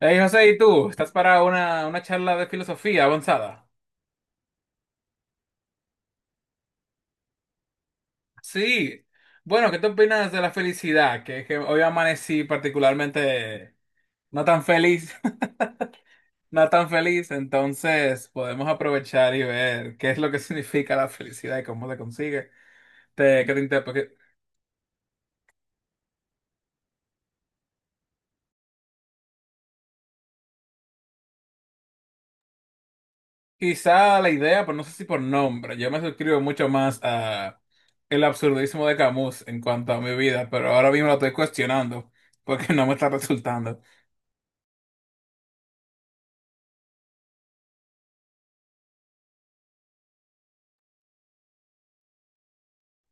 Hey José, ¿y tú? ¿Estás para una charla de filosofía avanzada? Sí. Bueno, ¿qué te opinas de la felicidad? Que hoy amanecí particularmente no tan feliz, no tan feliz, entonces podemos aprovechar y ver qué es lo que significa la felicidad y cómo se consigue. Te, que te inter- porque quizá la idea, pero no sé si por nombre, yo me suscribo mucho más a el absurdismo de Camus en cuanto a mi vida, pero ahora mismo lo estoy cuestionando porque no me está resultando.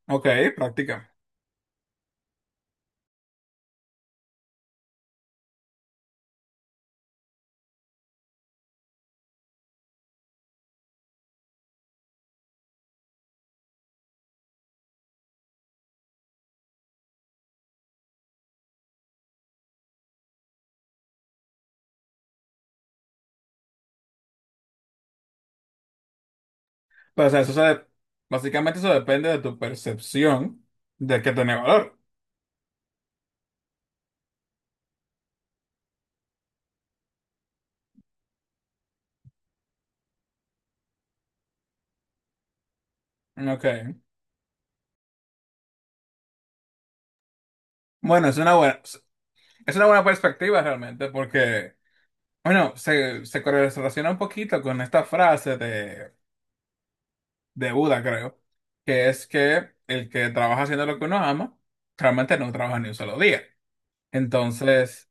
Ok, práctica. Pero, o sea, básicamente eso depende de tu percepción de que tiene valor. Ok. Bueno, es una buena perspectiva realmente, porque, bueno, se correlaciona un poquito con esta frase de Buda, creo, que es que el que trabaja haciendo lo que uno ama, realmente no trabaja ni un solo día. Entonces,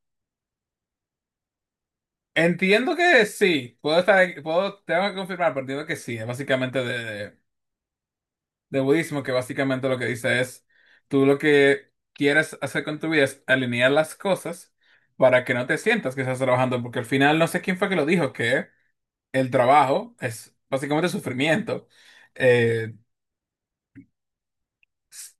entiendo que sí, puedo estar, puedo, tengo que confirmar, pero entiendo que sí, es básicamente de budismo, que básicamente lo que dice es, tú lo que quieres hacer con tu vida es alinear las cosas para que no te sientas que estás trabajando, porque al final no sé quién fue que lo dijo, que el trabajo es básicamente sufrimiento. Eh, s-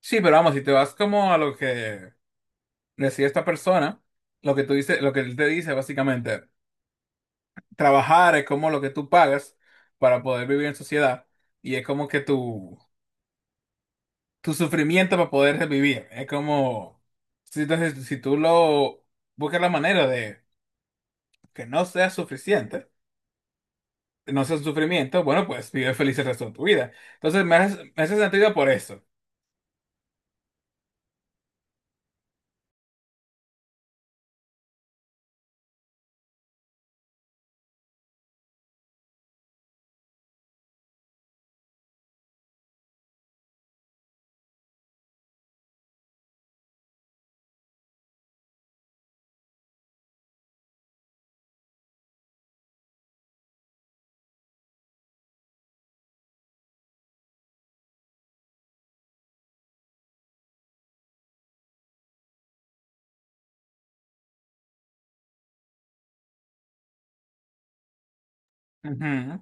sí, pero vamos, si te vas como a lo que decía esta persona, lo que tú dices, lo que él te dice básicamente, trabajar es como lo que tú pagas para poder vivir en sociedad y es como que tú tu sufrimiento para poder revivir. Es como, si, entonces, si tú lo buscas la manera de que no sea suficiente, no sea un sufrimiento, bueno, pues vive feliz el resto de tu vida. Entonces me hace sentido por eso. Ujú.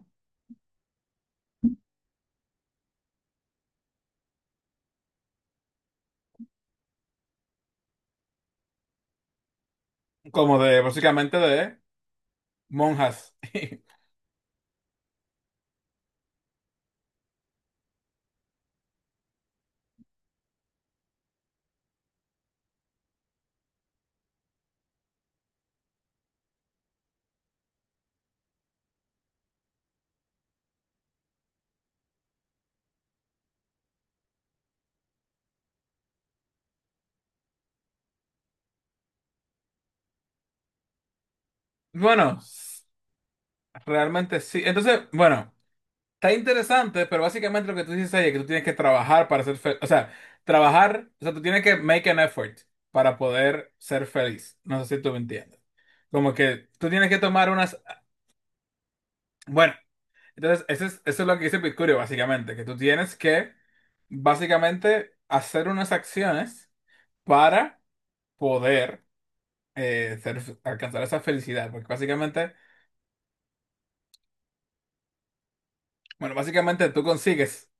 Como de, básicamente de monjas. Bueno, s- Realmente sí. Entonces, bueno, está interesante, pero básicamente lo que tú dices ahí es que tú tienes que trabajar para ser feliz. O sea, trabajar, o sea, tú tienes que make an effort para poder ser feliz. No sé si tú me entiendes. Como que tú tienes que tomar unas... Bueno, entonces eso es lo que dice Picurio, básicamente, que tú tienes que, básicamente, hacer unas acciones para poder alcanzar esa felicidad. Porque básicamente, bueno, básicamente tú consigues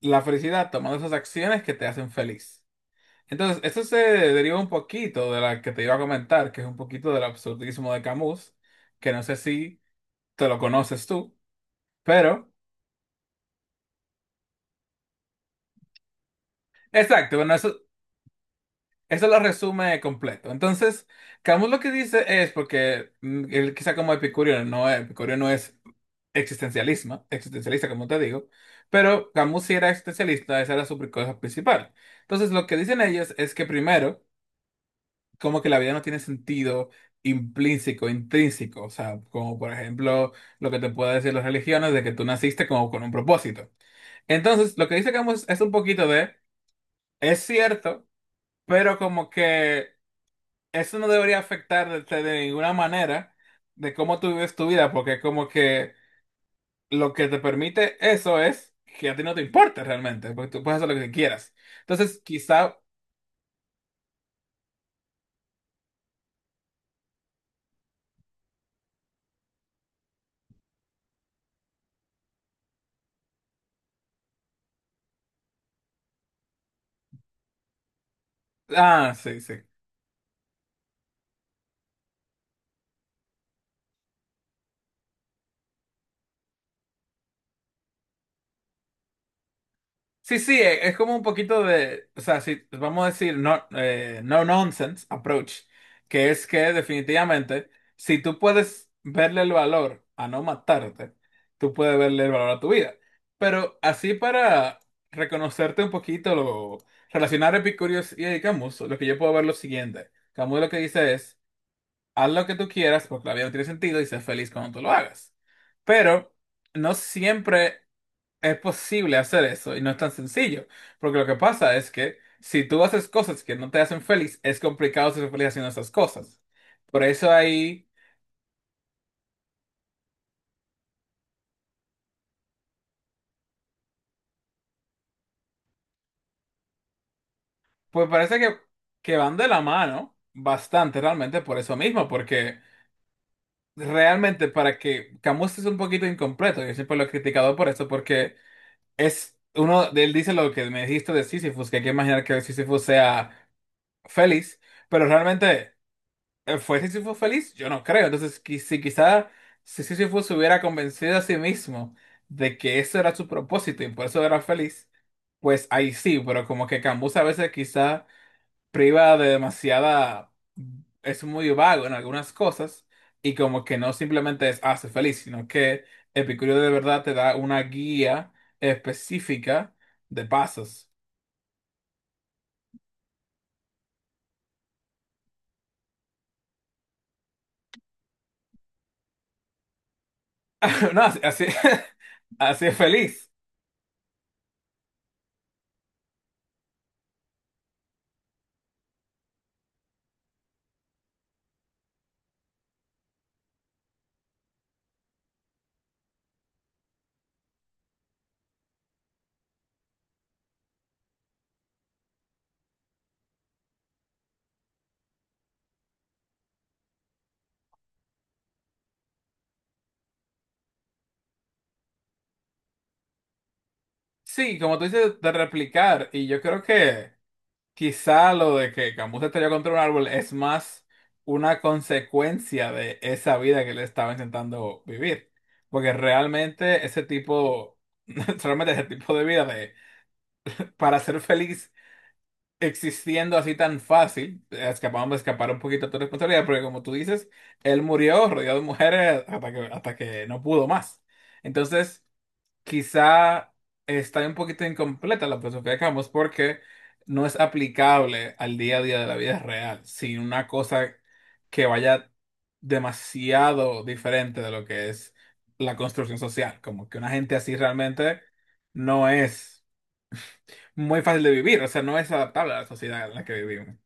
la felicidad tomando esas acciones que te hacen feliz. Entonces, esto se deriva un poquito de la que te iba a comentar, que es un poquito del absurdismo de Camus, que no sé si te lo conoces tú, pero... Exacto, bueno, eso lo resume completo. Entonces, Camus lo que dice es, porque él quizá como epicurio no es existencialismo, existencialista como te digo, pero Camus sí era existencialista, esa era su cosa principal. Entonces, lo que dicen ellos es que primero, como que la vida no tiene sentido implícito, intrínseco, o sea, como por ejemplo lo que te puede decir las religiones de que tú naciste como con un propósito. Entonces, lo que dice Camus es un poquito de, es cierto, pero como que eso no debería afectarte de ninguna manera de cómo tú vives tu vida, porque como que lo que te permite eso es que a ti no te importe realmente, porque tú puedes hacer lo que quieras. Entonces, quizá, ah, sí, sí. Sí, sí, es como un poquito de, o sea, si vamos a decir no, no nonsense approach, que es que definitivamente, si tú puedes verle el valor a no matarte, tú puedes verle el valor a tu vida. Pero así para reconocerte un poquito, lo, relacionar Epicurio y a Camus, lo que yo puedo ver es lo siguiente. Camus lo que dice es, haz lo que tú quieras porque la vida no tiene sentido y sé feliz cuando tú lo hagas. Pero no siempre es posible hacer eso y no es tan sencillo, porque lo que pasa es que si tú haces cosas que no te hacen feliz, es complicado ser feliz haciendo esas cosas. Por eso ahí, pues parece que van de la mano bastante realmente por eso mismo, porque realmente para que Camus es un poquito incompleto, yo siempre lo he criticado por eso, porque es uno, él dice lo que me dijiste de Sísifo, que hay que imaginar que Sísifo sea feliz, pero realmente... ¿fue Sísifo feliz? Yo no creo. Entonces, si quizá si Sísifo se hubiera convencido a sí mismo de que eso era su propósito y por eso era feliz, pues ahí sí, pero como que Cambus a veces quizá priva de demasiada... es muy vago en algunas cosas y como que no simplemente es hace feliz, sino que Epicurio de verdad te da una guía específica de pasos. No, así, así así es feliz. Sí, como tú dices, de replicar, y yo creo que quizá lo de que Camus se estrelló contra un árbol es más una consecuencia de esa vida que él estaba intentando vivir. Porque realmente ese tipo, realmente ese tipo de vida de para ser feliz existiendo así tan fácil, escapamos de escapar un poquito de tu responsabilidad, porque como tú dices, él murió rodeado de mujeres hasta que no pudo más. Entonces quizá está un poquito incompleta la filosofía de Camus porque no es aplicable al día a día de la vida real, sin una cosa que vaya demasiado diferente de lo que es la construcción social, como que una gente así realmente no es muy fácil de vivir, o sea, no es adaptable a la sociedad en la que vivimos.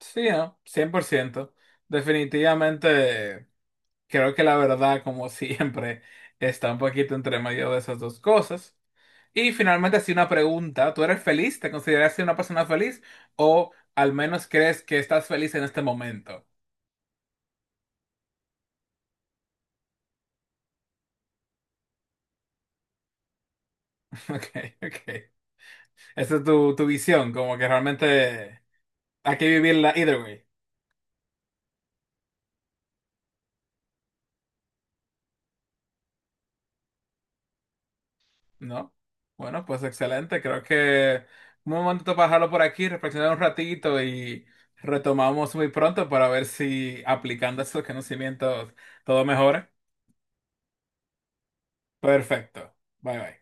Sí, ¿no? 100%. Definitivamente creo que la verdad, como siempre, está un poquito entre medio de esas dos cosas. Y finalmente, así una pregunta. ¿Tú eres feliz? ¿Te consideras una persona feliz? ¿O al menos crees que estás feliz en este momento? Ok, ok. Esa es tu visión, como que realmente hay que vivirla either way, ¿no? Bueno, pues excelente. Creo que un momento para dejarlo por aquí, reflexionar un ratito y retomamos muy pronto para ver si aplicando esos conocimientos todo mejora. Perfecto. Bye bye.